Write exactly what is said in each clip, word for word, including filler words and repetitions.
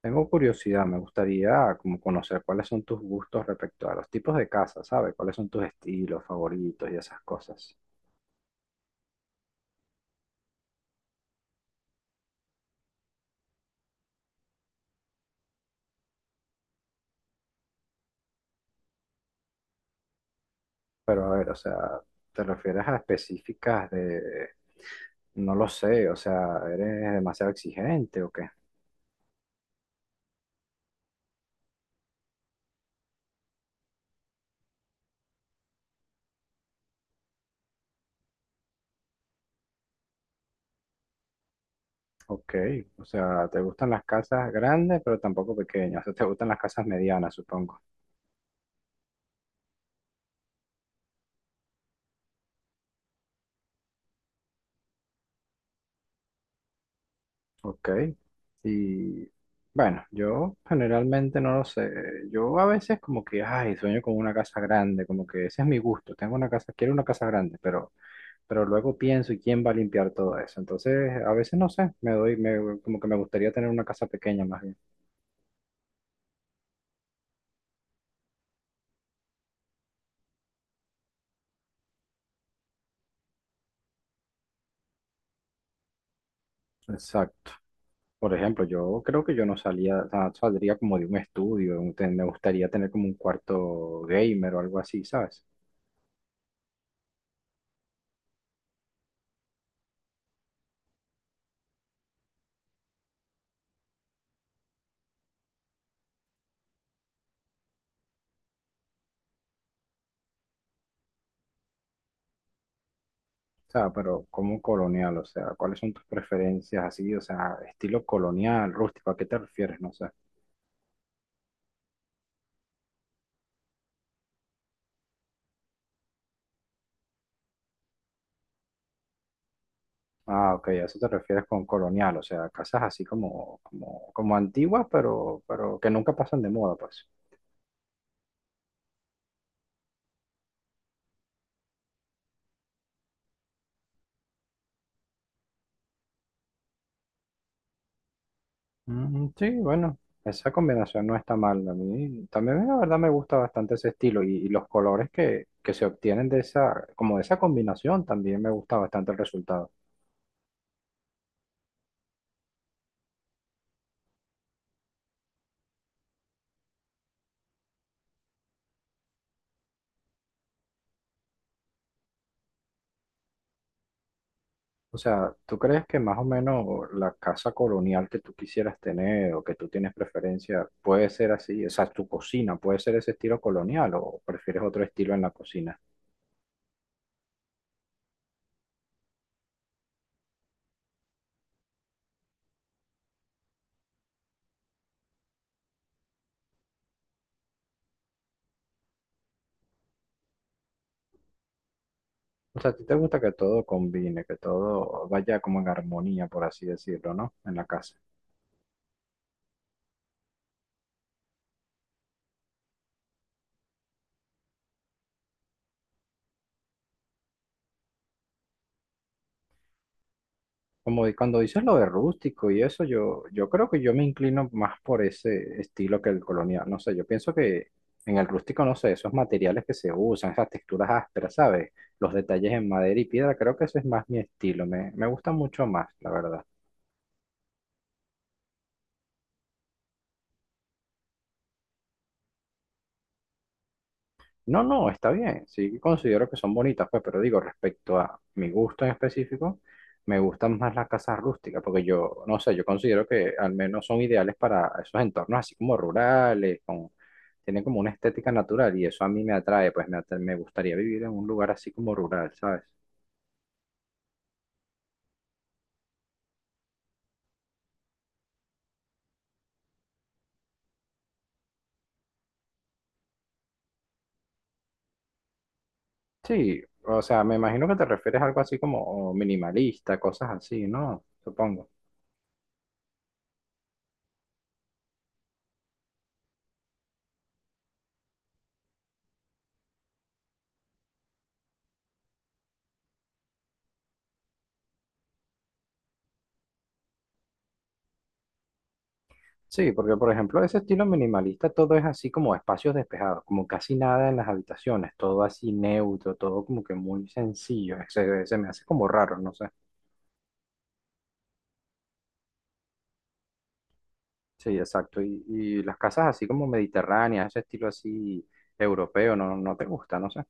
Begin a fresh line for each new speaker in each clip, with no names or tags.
Tengo curiosidad, me gustaría como conocer cuáles son tus gustos respecto a los tipos de casa, ¿sabes? ¿Cuáles son tus estilos favoritos y esas cosas? Pero a ver, o sea, ¿te refieres a específicas de, no lo sé, o sea, eres demasiado exigente o qué? Ok, o sea, ¿te gustan las casas grandes pero tampoco pequeñas? O sea, ¿te gustan las casas medianas, supongo? Ok. Y bueno, yo generalmente no lo sé. Yo a veces como que, ay, sueño con una casa grande, como que ese es mi gusto. Tengo una casa, quiero una casa grande, pero, pero luego pienso, ¿y quién va a limpiar todo eso? Entonces, a veces no sé, me doy, me, como que me gustaría tener una casa pequeña más bien. Exacto. Por ejemplo, yo creo que yo no salía, o sea, saldría como de un estudio, un- te- me gustaría tener como un cuarto gamer o algo así, ¿sabes? O sea, pero como colonial, o sea, ¿cuáles son tus preferencias así? O sea, estilo colonial, rústico, ¿a qué te refieres? No sé. Ah, ok, a eso te refieres con colonial, o sea, casas así como, como, como antiguas, pero, pero que nunca pasan de moda, pues. Mm, sí, bueno, esa combinación no está mal. A mí también la verdad me gusta bastante ese estilo y, y los colores que, que se obtienen de esa, como de esa combinación, también me gusta bastante el resultado. O sea, ¿tú crees que más o menos la casa colonial que tú quisieras tener o que tú tienes preferencia puede ser así? O sea, ¿tu cocina puede ser ese estilo colonial o prefieres otro estilo en la cocina? O sea, ¿a ti te gusta que todo combine, que todo vaya como en armonía, por así decirlo, ¿no? En la casa. Como di- cuando dices lo de rústico y eso, yo, yo creo que yo me inclino más por ese estilo que el colonial. No sé, yo pienso que en el rústico, no sé, esos materiales que se usan, esas texturas ásperas, ¿sabes? Los detalles en madera y piedra, creo que eso es más mi estilo. Me, me gusta mucho más, la verdad. No, no, está bien. Sí considero que son bonitas, pues, pero digo, respecto a mi gusto en específico, me gustan más las casas rústicas, porque yo, no sé, yo considero que al menos son ideales para esos entornos así como rurales, con, tienen como una estética natural y eso a mí me atrae, pues me, atra- me gustaría vivir en un lugar así como rural, ¿sabes? Sí, o sea, me imagino que te refieres a algo así como minimalista, cosas así, ¿no? Supongo. Sí, porque por ejemplo, ese estilo minimalista, todo es así como espacios despejados, como casi nada en las habitaciones, todo así neutro, todo como que muy sencillo, se, se me hace como raro, no sé. Sí, exacto. Y, y las casas así como mediterráneas, ese estilo así europeo, no, no te gusta, no sé.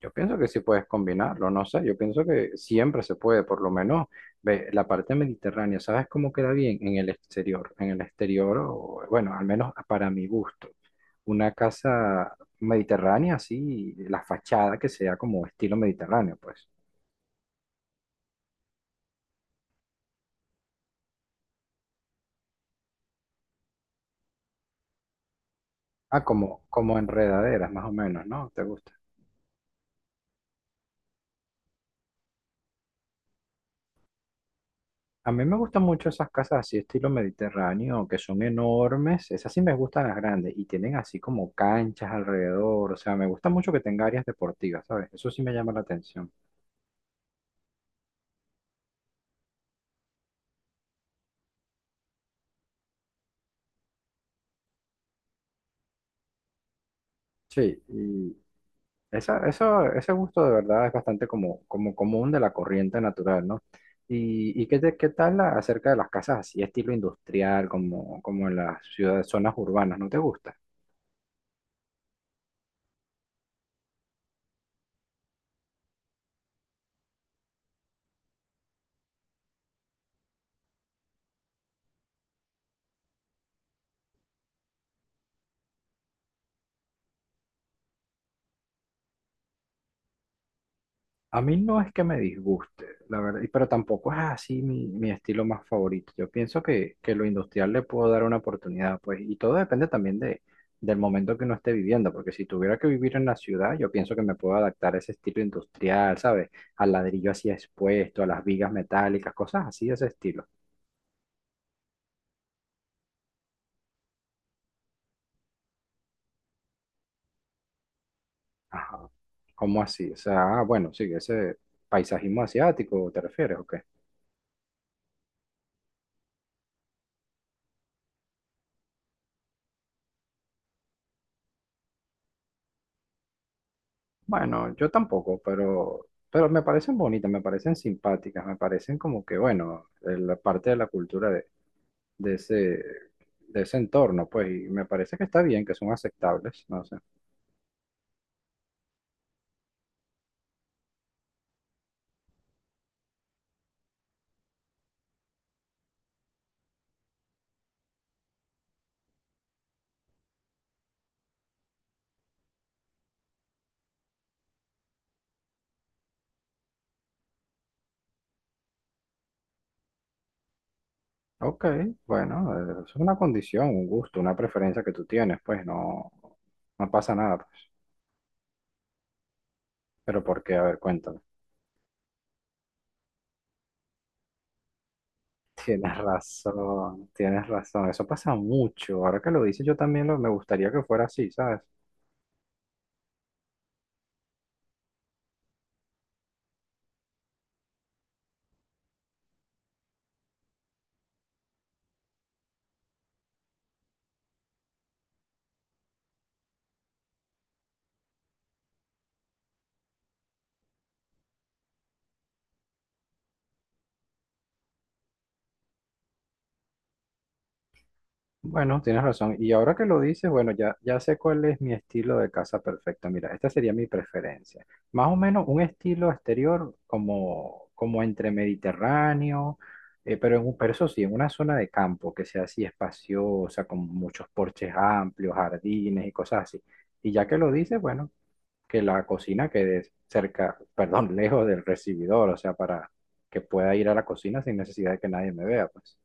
Yo pienso que sí puedes combinarlo, no sé, yo pienso que siempre se puede, por lo menos ve, la parte mediterránea, ¿sabes cómo queda bien? En el exterior, en el exterior, o, bueno, al menos para mi gusto. Una casa mediterránea, así, la fachada que sea como estilo mediterráneo, pues. Ah, como, como enredaderas, más o menos, ¿no? ¿Te gusta? A mí me gustan mucho esas casas así, estilo mediterráneo, que son enormes. Esas sí me gustan las grandes y tienen así como canchas alrededor. O sea, me gusta mucho que tenga áreas deportivas, ¿sabes? Eso sí me llama la atención. Sí, y esa, eso, ese gusto de verdad es bastante como, como común de la corriente natural, ¿no? ¿Y, y qué, te- qué tal la- acerca de las casas así, estilo industrial, como, como en las ciudades, zonas urbanas? ¿No te gusta? A mí no es que me disguste, la verdad, y- pero tampoco es así mi, mi estilo más favorito. Yo pienso que, que lo industrial le puedo dar una oportunidad, pues, y todo depende también de, del momento que uno esté viviendo, porque si tuviera que vivir en la ciudad, yo pienso que me puedo adaptar a ese estilo industrial, ¿sabes? Al ladrillo así expuesto, a las vigas metálicas, cosas así de ese estilo. Ajá. ¿Cómo así? O sea, ah, bueno, sí, ese paisajismo asiático, ¿te refieres? Ok. Bueno, yo tampoco, pero, pero me parecen bonitas, me parecen simpáticas, me parecen como que, bueno, eh, la parte de la cultura de, de ese, de ese entorno, pues, y me parece que está bien, que son aceptables, no sé. Ok, bueno, eh, es una condición, un gusto, una preferencia que tú tienes, pues, no, no pasa nada, pues. Pero ¿por qué? A ver, cuéntame. Tienes razón, tienes razón, eso pasa mucho. Ahora que lo dices, yo también lo- me gustaría que fuera así, ¿sabes? Bueno, tienes razón. Y ahora que lo dices, bueno, ya, ya sé cuál es mi estilo de casa perfecto. Mira, esta sería mi preferencia. Más o menos un estilo exterior como, como entre mediterráneo, eh, pero, en, un- pero eso sí, en una zona de campo que sea así espaciosa, con muchos porches amplios, jardines y cosas así. Y ya que lo dices, bueno, que la cocina quede cerca, perdón, lejos del recibidor, o sea, para que pueda ir a la cocina sin necesidad de que nadie me vea, pues.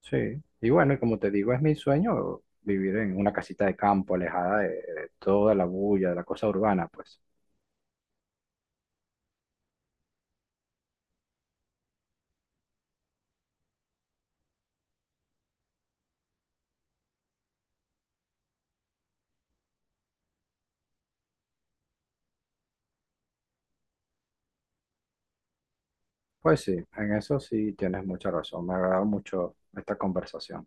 Sí, y bueno, y como te digo, es mi sueño vivir en una casita de campo, alejada de, de toda la bulla, de la cosa urbana, pues. Pues sí, en eso sí tienes mucha razón. Me ha agradado mucho esta conversación.